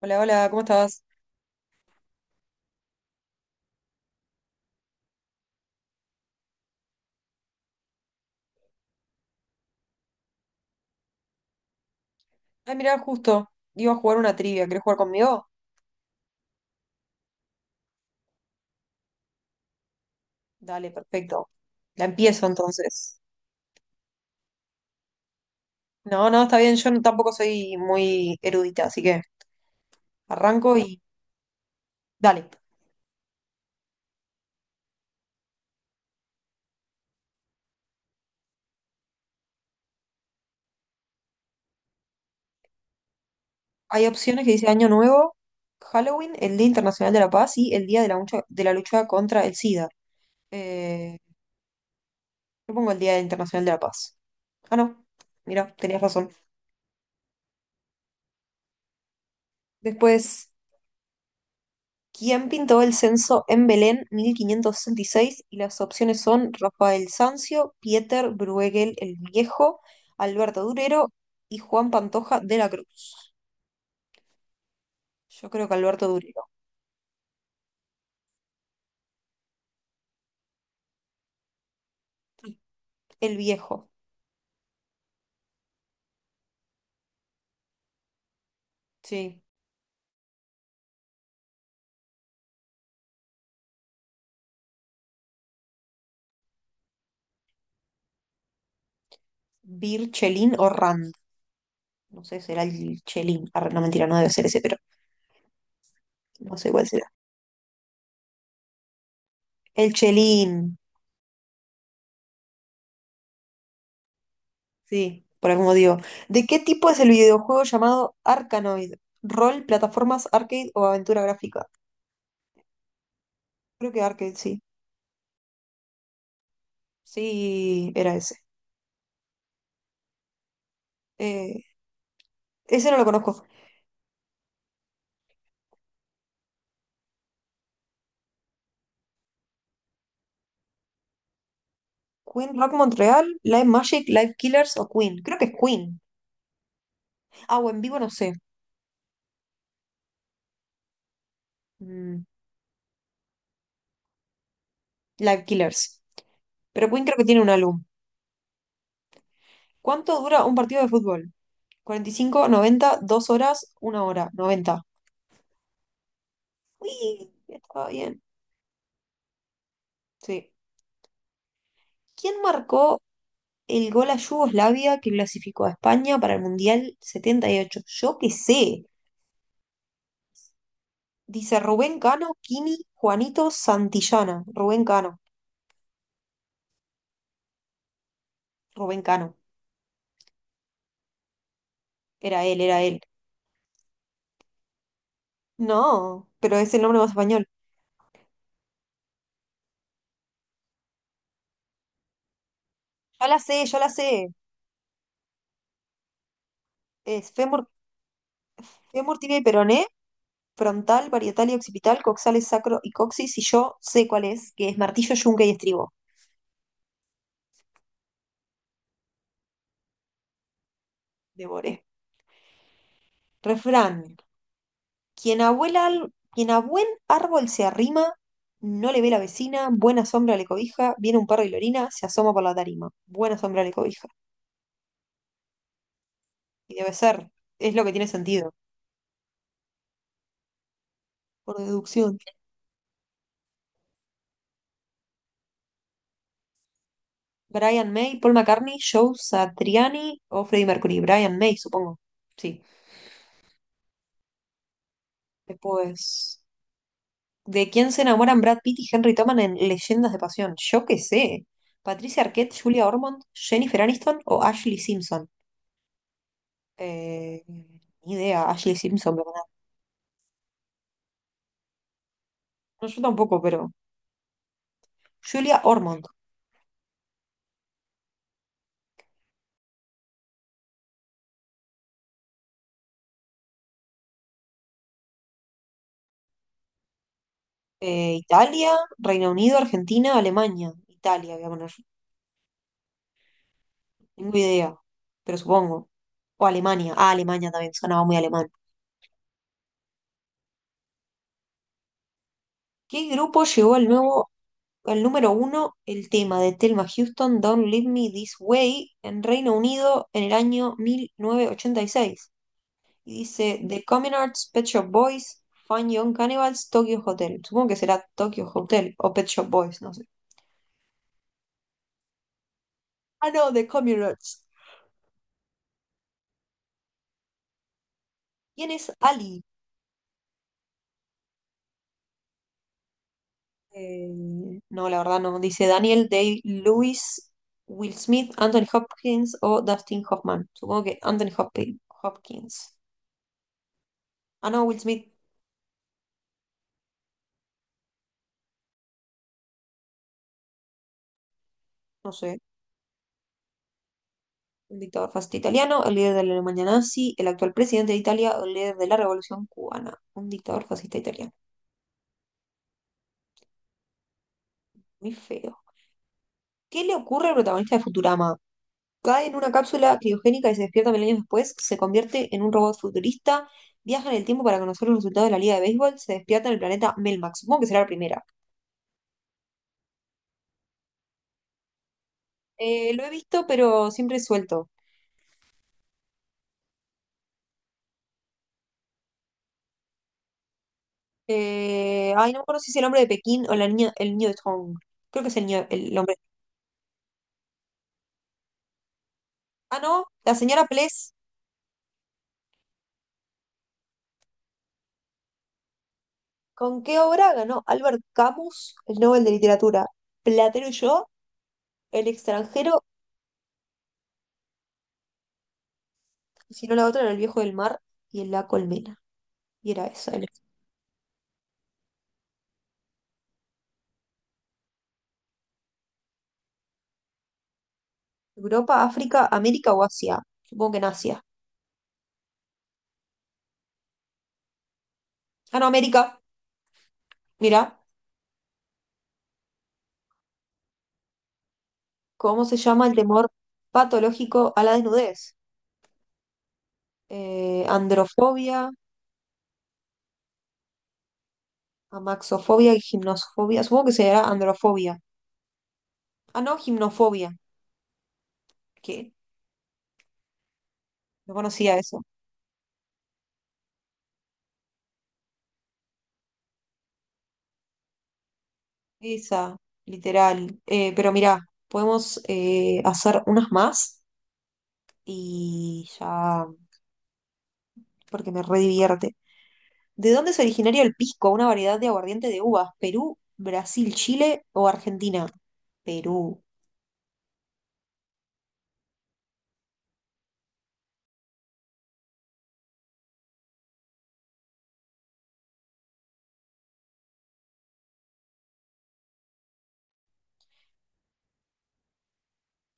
Hola, hola, ¿cómo estás? Ay, mirá, justo, iba a jugar una trivia. ¿Querés jugar conmigo? Dale, perfecto. La empiezo entonces. No, no, está bien, yo no- tampoco soy muy erudita, así que arranco y dale. Hay opciones que dice Año Nuevo, Halloween, el Día Internacional de la Paz y el Día de la Lucha, contra el SIDA. Eh, yo pongo el Día Internacional de la Paz. Ah, no, mira, tenías razón. Después, ¿quién pintó el censo en Belén 1566? Y las opciones son Rafael Sanzio, Pieter Bruegel el Viejo, Alberto Durero y Juan Pantoja de la Cruz. Yo creo que Alberto Durero. El Viejo. Sí. Bir Chelín o Rand. No sé, será el Chelín. Arre, no, mentira, no debe ser ese, pero no sé cuál será. El Chelín. Sí, por algún digo. ¿De qué tipo es el videojuego llamado Arkanoid? ¿Rol, plataformas, arcade o aventura gráfica? Creo que arcade, sí. Sí, era ese. Eh, Ese no lo conozco. Queen, Rock Montreal, Live Magic, Live Killers o Queen. Creo que es Queen. Ah, o en vivo no sé. Mm, Live Killers. Pero Queen creo que tiene un álbum. ¿Cuánto dura un partido de fútbol? 45, 90, 2 horas, 1 hora, 90. Uy, estaba bien. Sí. ¿Quién marcó el gol a Yugoslavia que clasificó a España para el Mundial 78? Yo qué sé. Dice Rubén Cano, Kini, Juanito Santillana. Rubén Cano. Rubén Cano. Era él, era él. No, pero es el nombre más español. Ya la sé, ya la sé. Es fémur, tibia y peroné, frontal, parietal y occipital, coxales, sacro y coxis. Y yo sé cuál es, que es martillo, yunque y estribo. Devoré. Refrán. Quien a buen árbol se arrima, no le ve la vecina, buena sombra le cobija, viene un perro y lo orina, se asoma por la tarima. Buena sombra le cobija. Y debe ser, es lo que tiene sentido, por deducción. Brian May, Paul McCartney, Joe Satriani o Freddie Mercury. Brian May, supongo. Sí. Después, ¿de quién se enamoran Brad Pitt y Henry Toman en Leyendas de Pasión? Yo qué sé. Patricia Arquette, Julia Ormond, Jennifer Aniston o Ashley Simpson. Eh, Ni idea, Ashley Simpson, me. No, yo tampoco, pero. Julia Ormond. Italia, Reino Unido, Argentina, Alemania. Italia, voy a poner. Tengo idea, pero supongo. O Alemania. Ah, Alemania también, sonaba muy alemán. ¿Qué grupo llevó al nuevo, al número uno el tema de Thelma Houston, Don't Leave Me This Way, en Reino Unido en el año 1986? Y seis? Y dice The Common Arts, Pet Shop Boys, Fun Young Cannibals, Tokyo Hotel. Supongo que será Tokyo Hotel o Pet Shop Boys, no sé. Ah, no, The Common Arts. ¿Quién es Ali? Eh, no, la verdad no. Dice Daniel Day-Lewis, Will Smith, Anthony Hopkins o Dustin Hoffman. Supongo que Anthony Hopkins. Hopkins. Ah, no, Will Smith. No sé. Un dictador fascista italiano, el líder de la Alemania nazi, el actual presidente de Italia o el líder de la Revolución cubana. Un dictador fascista italiano. Muy feo. ¿Qué le ocurre al protagonista de Futurama? Cae en una cápsula criogénica y se despierta 1000 años después, se convierte en un robot futurista, viaja en el tiempo para conocer los resultados de la Liga de Béisbol, se despierta en el planeta Melmac. Supongo que será la primera. Lo he visto, pero siempre suelto. Ay, no me acuerdo si es el hombre de Pekín o la niña, el niño de Tong. Creo que es el niño, el hombre. Ah, no, la señora Pless. ¿Con qué obra ganó Albert Camus el Nobel de Literatura? Platero y yo, El extranjero, y si no la otra era El viejo del mar y en La colmena. Y era esa, el- Europa, África, América o Asia. Supongo que en Asia. Ah, no, América. Mira, ¿cómo se llama el temor patológico a la desnudez? Androfobia, amaxofobia y gimnosofobia. Supongo que será androfobia. Ah, no, gimnofobia. ¿Qué? No conocía eso. Esa, literal. Pero mirá, podemos hacer unas más y ya, porque me redivierte. ¿De dónde es originario el pisco? Una variedad de aguardiente de uvas. ¿Perú, Brasil, Chile o Argentina? Perú.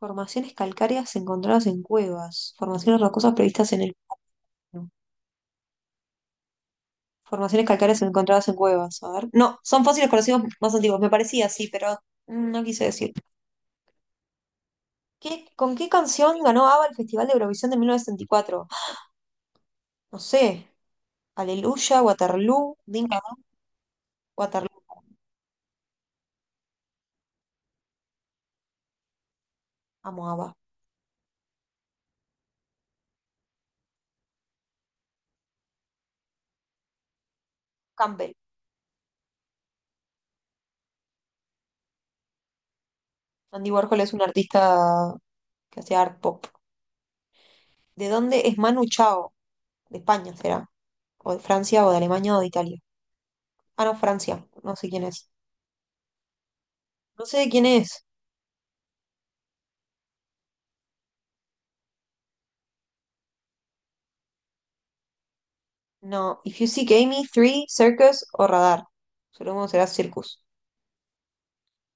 Formaciones calcáreas encontradas en cuevas. Formaciones rocosas previstas en el Páramo. Formaciones calcáreas encontradas en cuevas. A ver. No, son fósiles conocidos más antiguos. Me parecía así, pero no quise decir. ¿Con qué canción ganó ABBA el Festival de Eurovisión de 1974? No sé, Aleluya, Waterloo, Dinka, Waterloo, amo ABBA. Campbell, Andy Warhol es un artista que hacía art pop. ¿De dónde es Manu Chao? De España será, o de Francia, o de Alemania, o de Italia. Ah, no, Francia, no sé quién es. No sé de quién es. No, If You Seek Amy, Three, Circus o Radar. Supongo que será Circus.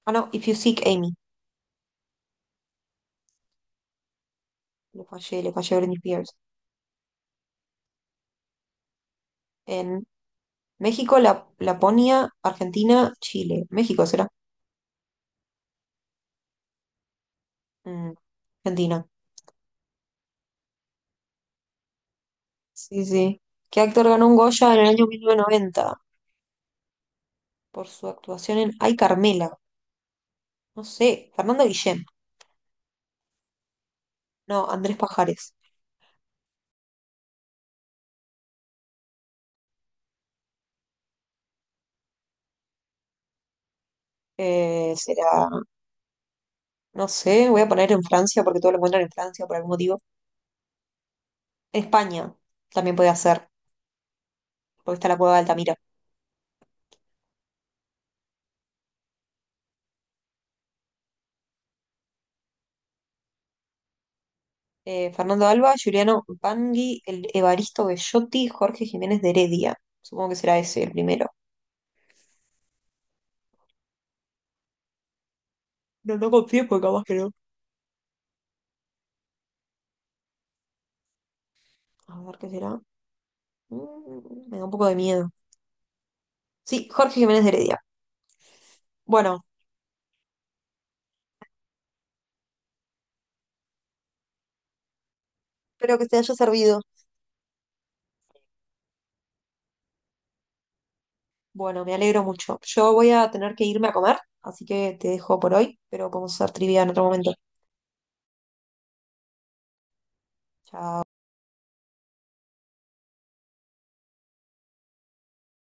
Ah, no, If You Seek Amy. Le fallé a Britney Spears. En México, Laponia, Argentina, Chile. México será. Mm, Argentina. Sí, sí. ¿Qué actor ganó un Goya en el año 1990 por su actuación en Ay Carmela? No sé, Fernando Guillén. No, Andrés Pajares. Será, no sé, voy a poner en Francia porque todo lo encuentran en Francia por algún motivo. En España también puede ser, porque está la cueva de Altamira. Fernando Alba, Juliano Bangui, el Evaristo Bellotti, Jorge Jiménez de Heredia. Supongo que será ese el primero. No, no confío porque capaz que no. A ver qué será. Me da un poco de miedo. Sí, Jorge Jiménez de Heredia. Bueno. Espero que te haya servido. Bueno, me alegro mucho. Yo voy a tener que irme a comer, así que te dejo por hoy, pero podemos hacer trivia en otro momento. Chao.